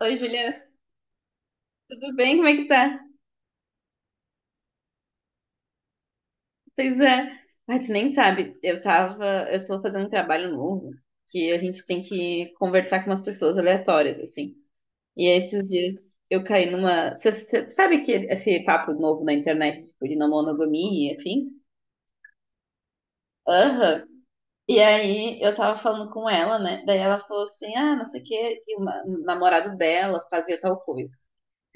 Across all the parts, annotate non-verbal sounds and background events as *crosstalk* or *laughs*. Oi, Juliana, tudo bem? Como é que tá? Pois é. Ah, tu nem sabe, eu tô fazendo um trabalho novo que a gente tem que conversar com umas pessoas aleatórias, assim. E aí, esses dias eu caí numa. Sabe que esse papo novo na internet, tipo, de não monogamia, enfim? Aham. E aí eu tava falando com ela, né? Daí ela falou assim, ah, não sei o quê, que um namorado dela fazia tal coisa.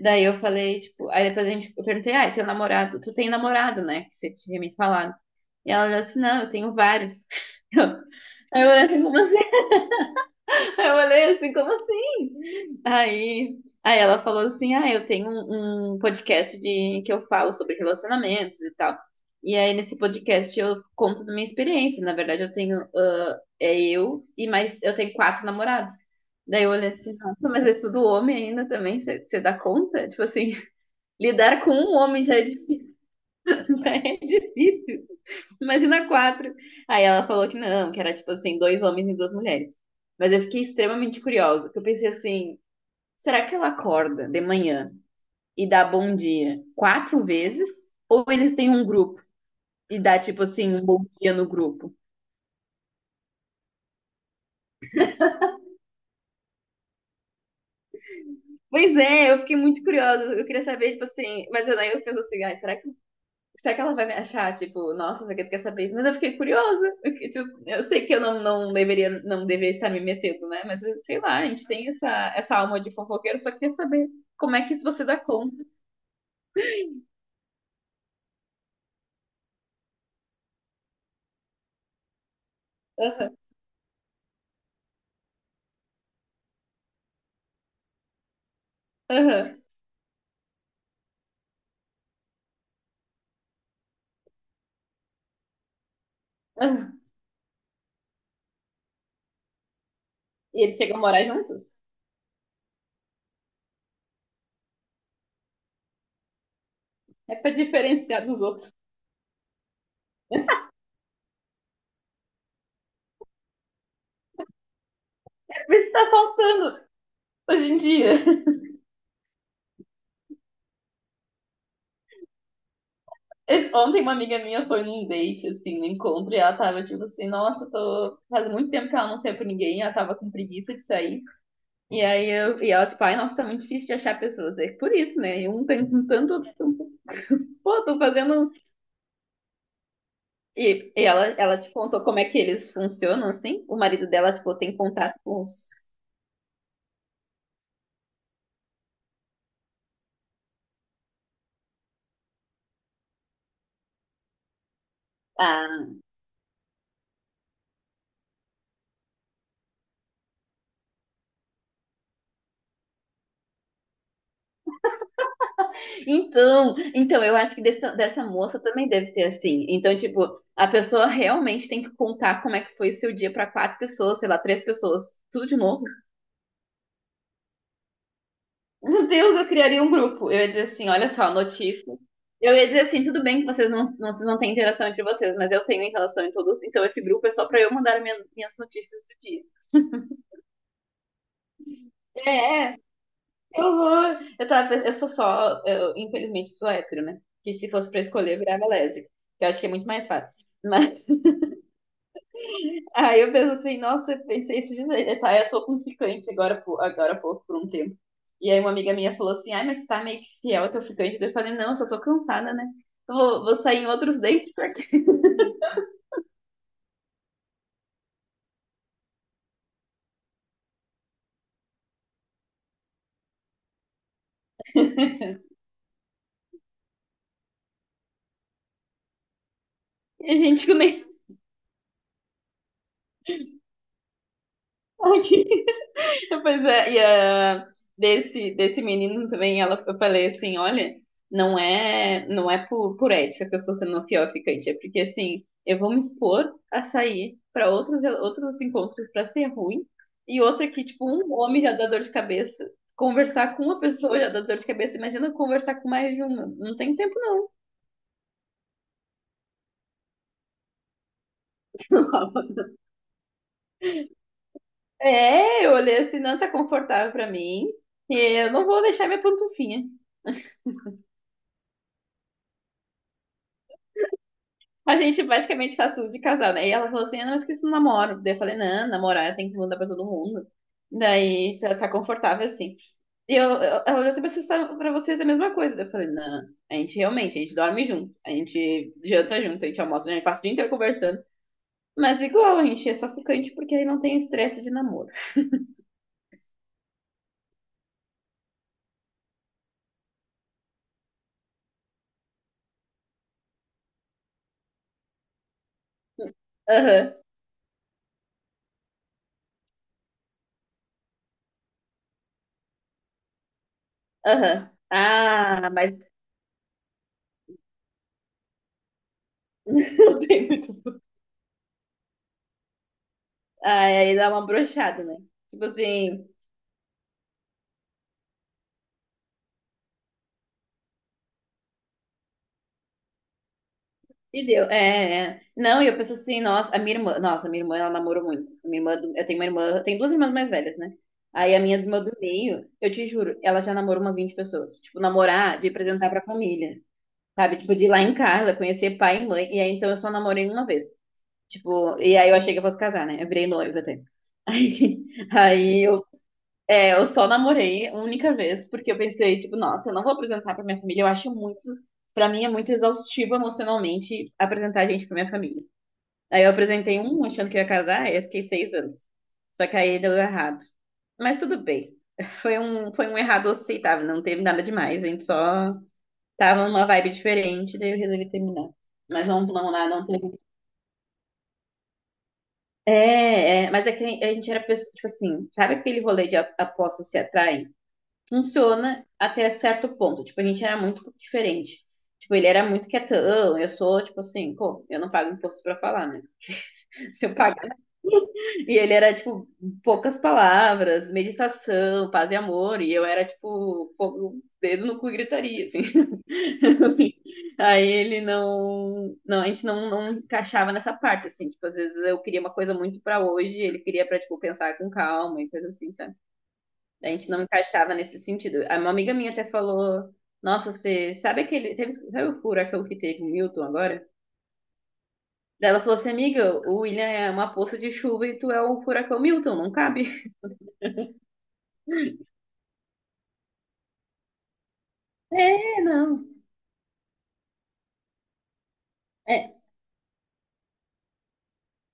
Daí eu falei, tipo, aí depois a gente, eu perguntei, ah, e teu namorado, tu tem namorado, né? Que você tinha me falado. E ela olhou assim, não, eu tenho vários. *laughs* Eu, aí eu olhei assim, como assim? *laughs* Aí eu olhei assim, como assim? Aí ela falou assim, ah, eu tenho um podcast de, que eu falo sobre relacionamentos e tal. E aí nesse podcast eu conto da minha experiência. Na verdade, eu tenho, ah, é eu e mais, eu tenho quatro namorados. Daí eu olhei assim, nossa, mas é tudo homem ainda também, você dá conta? Tipo assim, *laughs* lidar com um homem já é difí- *laughs* já é difícil. Imagina quatro. Aí ela falou que não, que era tipo assim, dois homens e duas mulheres. Mas eu fiquei extremamente curiosa, porque eu pensei assim, será que ela acorda de manhã e dá bom dia quatro vezes? Ou eles têm um grupo e dá tipo assim, um bom dia no grupo? Pois é, eu fiquei muito curiosa. Eu queria saber, tipo assim, mas eu daí eu penso assim, ai, será que Será que ela vai me achar, tipo, nossa, você quer saber isso? Mas eu fiquei curiosa. Porque, tipo, eu sei que eu não, não deveria, não deveria estar me metendo, né? Mas sei lá, a gente tem essa alma de fofoqueiro, só quer saber como é que você dá conta. Aham, aham, aham. E eles chegam a morar juntos. É pra diferenciar dos outros. Mas isso que tá faltando hoje em dia. Ontem uma amiga minha foi num date, assim, no encontro, e ela tava tipo assim, nossa, tô faz muito tempo que ela não saiu com ninguém, ela tava com preguiça de sair. E aí eu, e ela, tipo, ai, nossa, tá muito difícil de achar pessoas. É por isso, né? E um tem um tanto, outro tem pô, tô fazendo. E ela, ela te contou como é que eles funcionam, assim. O marido dela, tipo, tem contato com os. Ah, então, eu acho que dessa moça também deve ser assim. Então, tipo, a pessoa realmente tem que contar como é que foi seu dia pra quatro pessoas, sei lá, três pessoas, tudo de novo. Meu Deus, eu criaria um grupo. Eu ia dizer assim, olha só, notícias. Eu ia dizer assim, tudo bem que vocês vocês não têm interação entre vocês, mas eu tenho interação em todos. Então esse grupo é só pra eu mandar minhas notícias do dia. É, que horror. Eu sou só, eu, infelizmente sou hétero, né? Que se fosse pra escolher, eu virava lésbica. Que eu acho que é muito mais fácil. Aí eu penso assim, nossa, eu pensei esses dias aí, tá, eu tô com ficante agora, agora há pouco, por um tempo. E aí uma amiga minha falou assim, ai, mas tá meio que fiel ao teu ficante. Daí eu falei, não, eu só tô cansada, né? Eu vou sair em outros dates, porque *laughs* a gente nem tá aqui. *laughs* Pois é, desse menino também, ela, eu falei assim, olha, não é por ética que eu tô sendo uma fiel ficante, é porque assim, eu vou me expor a sair para outros encontros para ser ruim, e outra que, tipo, um homem já dá dor de cabeça. Conversar com uma pessoa já dá dor de cabeça. Imagina conversar com mais de uma. Não tem tempo, não. *laughs* É, eu olhei assim, não tá confortável pra mim. E eu não vou deixar minha pantufinha. A gente basicamente faz tudo de casal, né? E ela falou assim, ah, não, eu esqueci o namoro. Daí eu falei, não, namorar tem que mandar pra todo mundo. Daí tá confortável assim. E ela olhou assim, vocês pra vocês é a mesma coisa. Daí eu falei, não, a gente realmente, a gente dorme junto, a gente janta junto, a gente almoça, junto, a gente passa o dia inteiro conversando. Mas igual, a gente é só ficante porque aí não tem estresse de namoro. Aham, aham. Ah, mas *laughs* não tem muito. Ah, aí dá uma brochada, né? Tipo assim, e deu, é, é. Não, e eu penso assim, nossa, a minha irmã, nossa, a minha irmã, ela namorou muito. A minha irmã, eu tenho uma irmã, eu tenho duas irmãs mais velhas, né? Aí a minha irmã do meio, eu te juro, ela já namorou umas 20 pessoas. Tipo, namorar, de apresentar pra família, sabe? Tipo, de ir lá em Carla, conhecer pai e mãe. E aí, então, eu só namorei uma vez. Tipo, e aí eu achei que eu fosse casar, né? Eu virei noiva até. *laughs* Aí, aí eu é, eu só namorei uma única vez, porque eu pensei, tipo, nossa, eu não vou apresentar pra minha família, eu acho muito, pra mim é muito exaustivo emocionalmente apresentar a gente pra minha família. Aí eu apresentei um achando que eu ia casar, aí eu fiquei 6 anos. Só que aí deu errado. Mas tudo bem. *laughs* Foi um errado aceitável, não teve nada demais, a gente só tava numa vibe diferente, daí eu resolvi terminar. Mas não, não, não, não teve. É, mas é que a gente era pessoa, tipo assim, sabe aquele rolê de apostas se atraem? Funciona até certo ponto. Tipo, a gente era muito diferente. Tipo, ele era muito quietão, eu sou, tipo assim, pô, eu não pago imposto pra falar, né? *laughs* Se eu pagar. E ele era, tipo, poucas palavras, meditação, paz e amor, e eu era, tipo, fogo, dedo no cu e gritaria, assim. *laughs* Aí ele não, não, a gente não, não encaixava nessa parte, assim, tipo, às vezes eu queria uma coisa muito pra hoje, ele queria pra, tipo, pensar com calma e coisa assim, sabe? A gente não encaixava nesse sentido. Uma amiga minha até falou: Nossa, você sabe aquele. Teve, sabe o furacão que teve o Milton agora? Daí ela falou assim: Amiga, o William é uma poça de chuva e tu é o furacão Milton, não cabe. *laughs* É, não. É,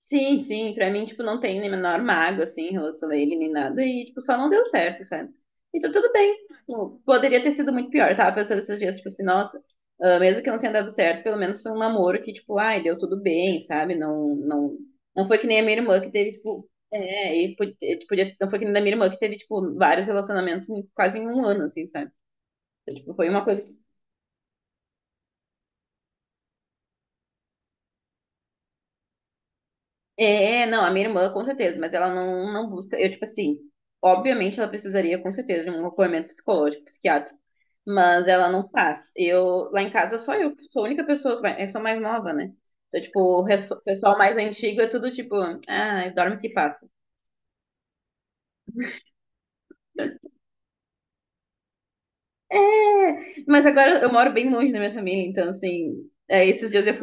sim, sim, pra mim, tipo, não tem nem menor mago, assim, em relação a ele, nem nada, e, tipo, só não deu certo, sabe? Então, tudo bem. Tipo, poderia ter sido muito pior, tava pensando esses dias, tipo assim, nossa, ah, mesmo que não tenha dado certo, pelo menos foi um namoro que, tipo, ai, deu tudo bem, sabe? Não, não, não foi que nem a minha irmã que teve, tipo, podia, não foi que nem a da minha irmã que teve, tipo, vários relacionamentos quase em um ano, assim, sabe? Então, tipo, foi uma coisa É, não, a minha irmã, com certeza, mas ela não, não busca. Eu, tipo assim, obviamente ela precisaria, com certeza, de um acompanhamento psicológico, psiquiátrico, mas ela não faz. Eu, lá em casa, só eu, sou a única pessoa que vai, eu sou mais nova, né? Então, tipo, o pessoal mais antigo é tudo tipo, ah, dorme que passa. É, mas agora eu moro bem longe da minha família, então, assim, é, esses dias eu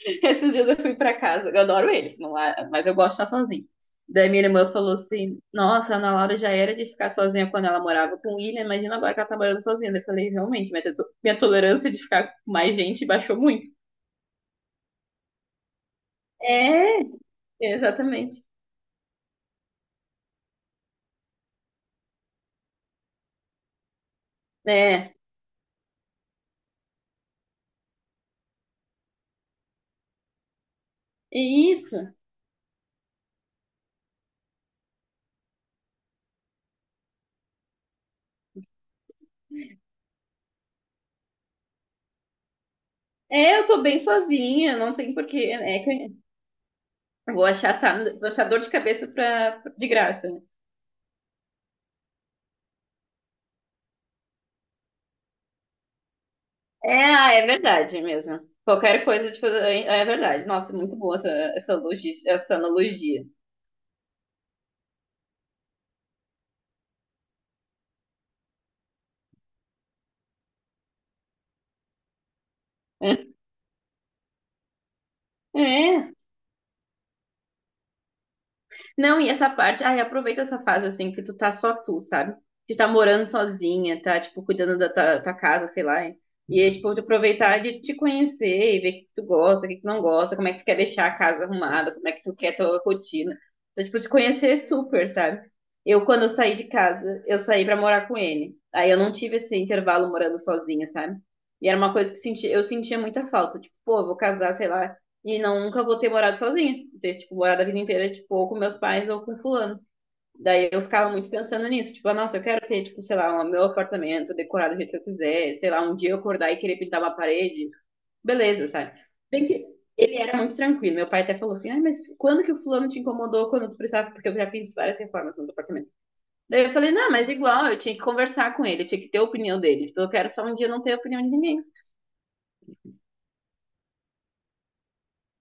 *laughs* esses dias eu fui pra casa, eu adoro eles, não lá, mas eu gosto de estar sozinha. Daí minha irmã falou assim: Nossa, a Ana Laura já era de ficar sozinha quando ela morava com o William, imagina agora que ela tá morando sozinha. Daí eu falei: Realmente, minha tolerância de ficar com mais gente baixou muito. É, exatamente. É, é isso. É, eu tô bem sozinha, não tem porquê. É que eu vou achar, vou achar dor de cabeça pra, de graça. Né? É, ah, é verdade mesmo. Qualquer coisa, tipo, é, é verdade. Nossa, muito boa essa analogia. *laughs* É. Não, e essa parte, ai, aproveita essa fase assim que tu tá só tu, sabe? Que tá morando sozinha, tá tipo cuidando da tua casa, sei lá. E é, tipo, tu aproveitar de te conhecer e ver o que que tu gosta, o que que tu não gosta, como é que tu quer deixar a casa arrumada, como é que tu quer tua rotina. Então, tipo, te conhecer é super, sabe? Eu, quando eu saí de casa, eu saí pra morar com ele. Aí eu não tive esse intervalo morando sozinha, sabe? E era uma coisa que senti, eu sentia muita falta. Tipo, pô, eu vou casar, sei lá, e não, nunca vou ter morado sozinha. Ter, tipo, morado a vida inteira, tipo, ou com meus pais ou com fulano. Daí eu ficava muito pensando nisso. Tipo, ah, nossa, eu quero ter, tipo, sei lá, o meu apartamento decorado do jeito que eu quiser. Sei lá, um dia eu acordar e querer pintar uma parede. Beleza, sabe? Bem que ele era muito tranquilo. Meu pai até falou assim, ai, mas quando que o fulano te incomodou quando tu precisava? Porque eu já fiz várias reformas no apartamento. Daí eu falei, não, mas igual, eu tinha que conversar com ele. Eu tinha que ter a opinião dele. Tipo, eu quero só um dia não ter a opinião de ninguém.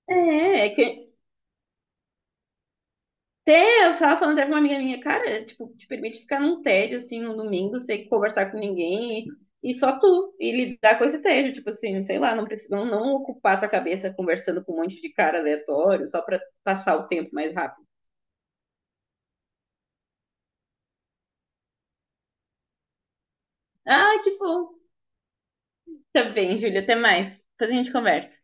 É, é que Até eu tava falando até com uma amiga minha, cara, tipo, te permite ficar num tédio assim no domingo, sem conversar com ninguém e só tu, e lidar com esse tédio, tipo assim, sei lá, não precisa não, não ocupar tua cabeça conversando com um monte de cara aleatório só pra passar o tempo mais rápido. Ah, que bom. Tá bem, Júlia, até mais. Depois a gente conversa.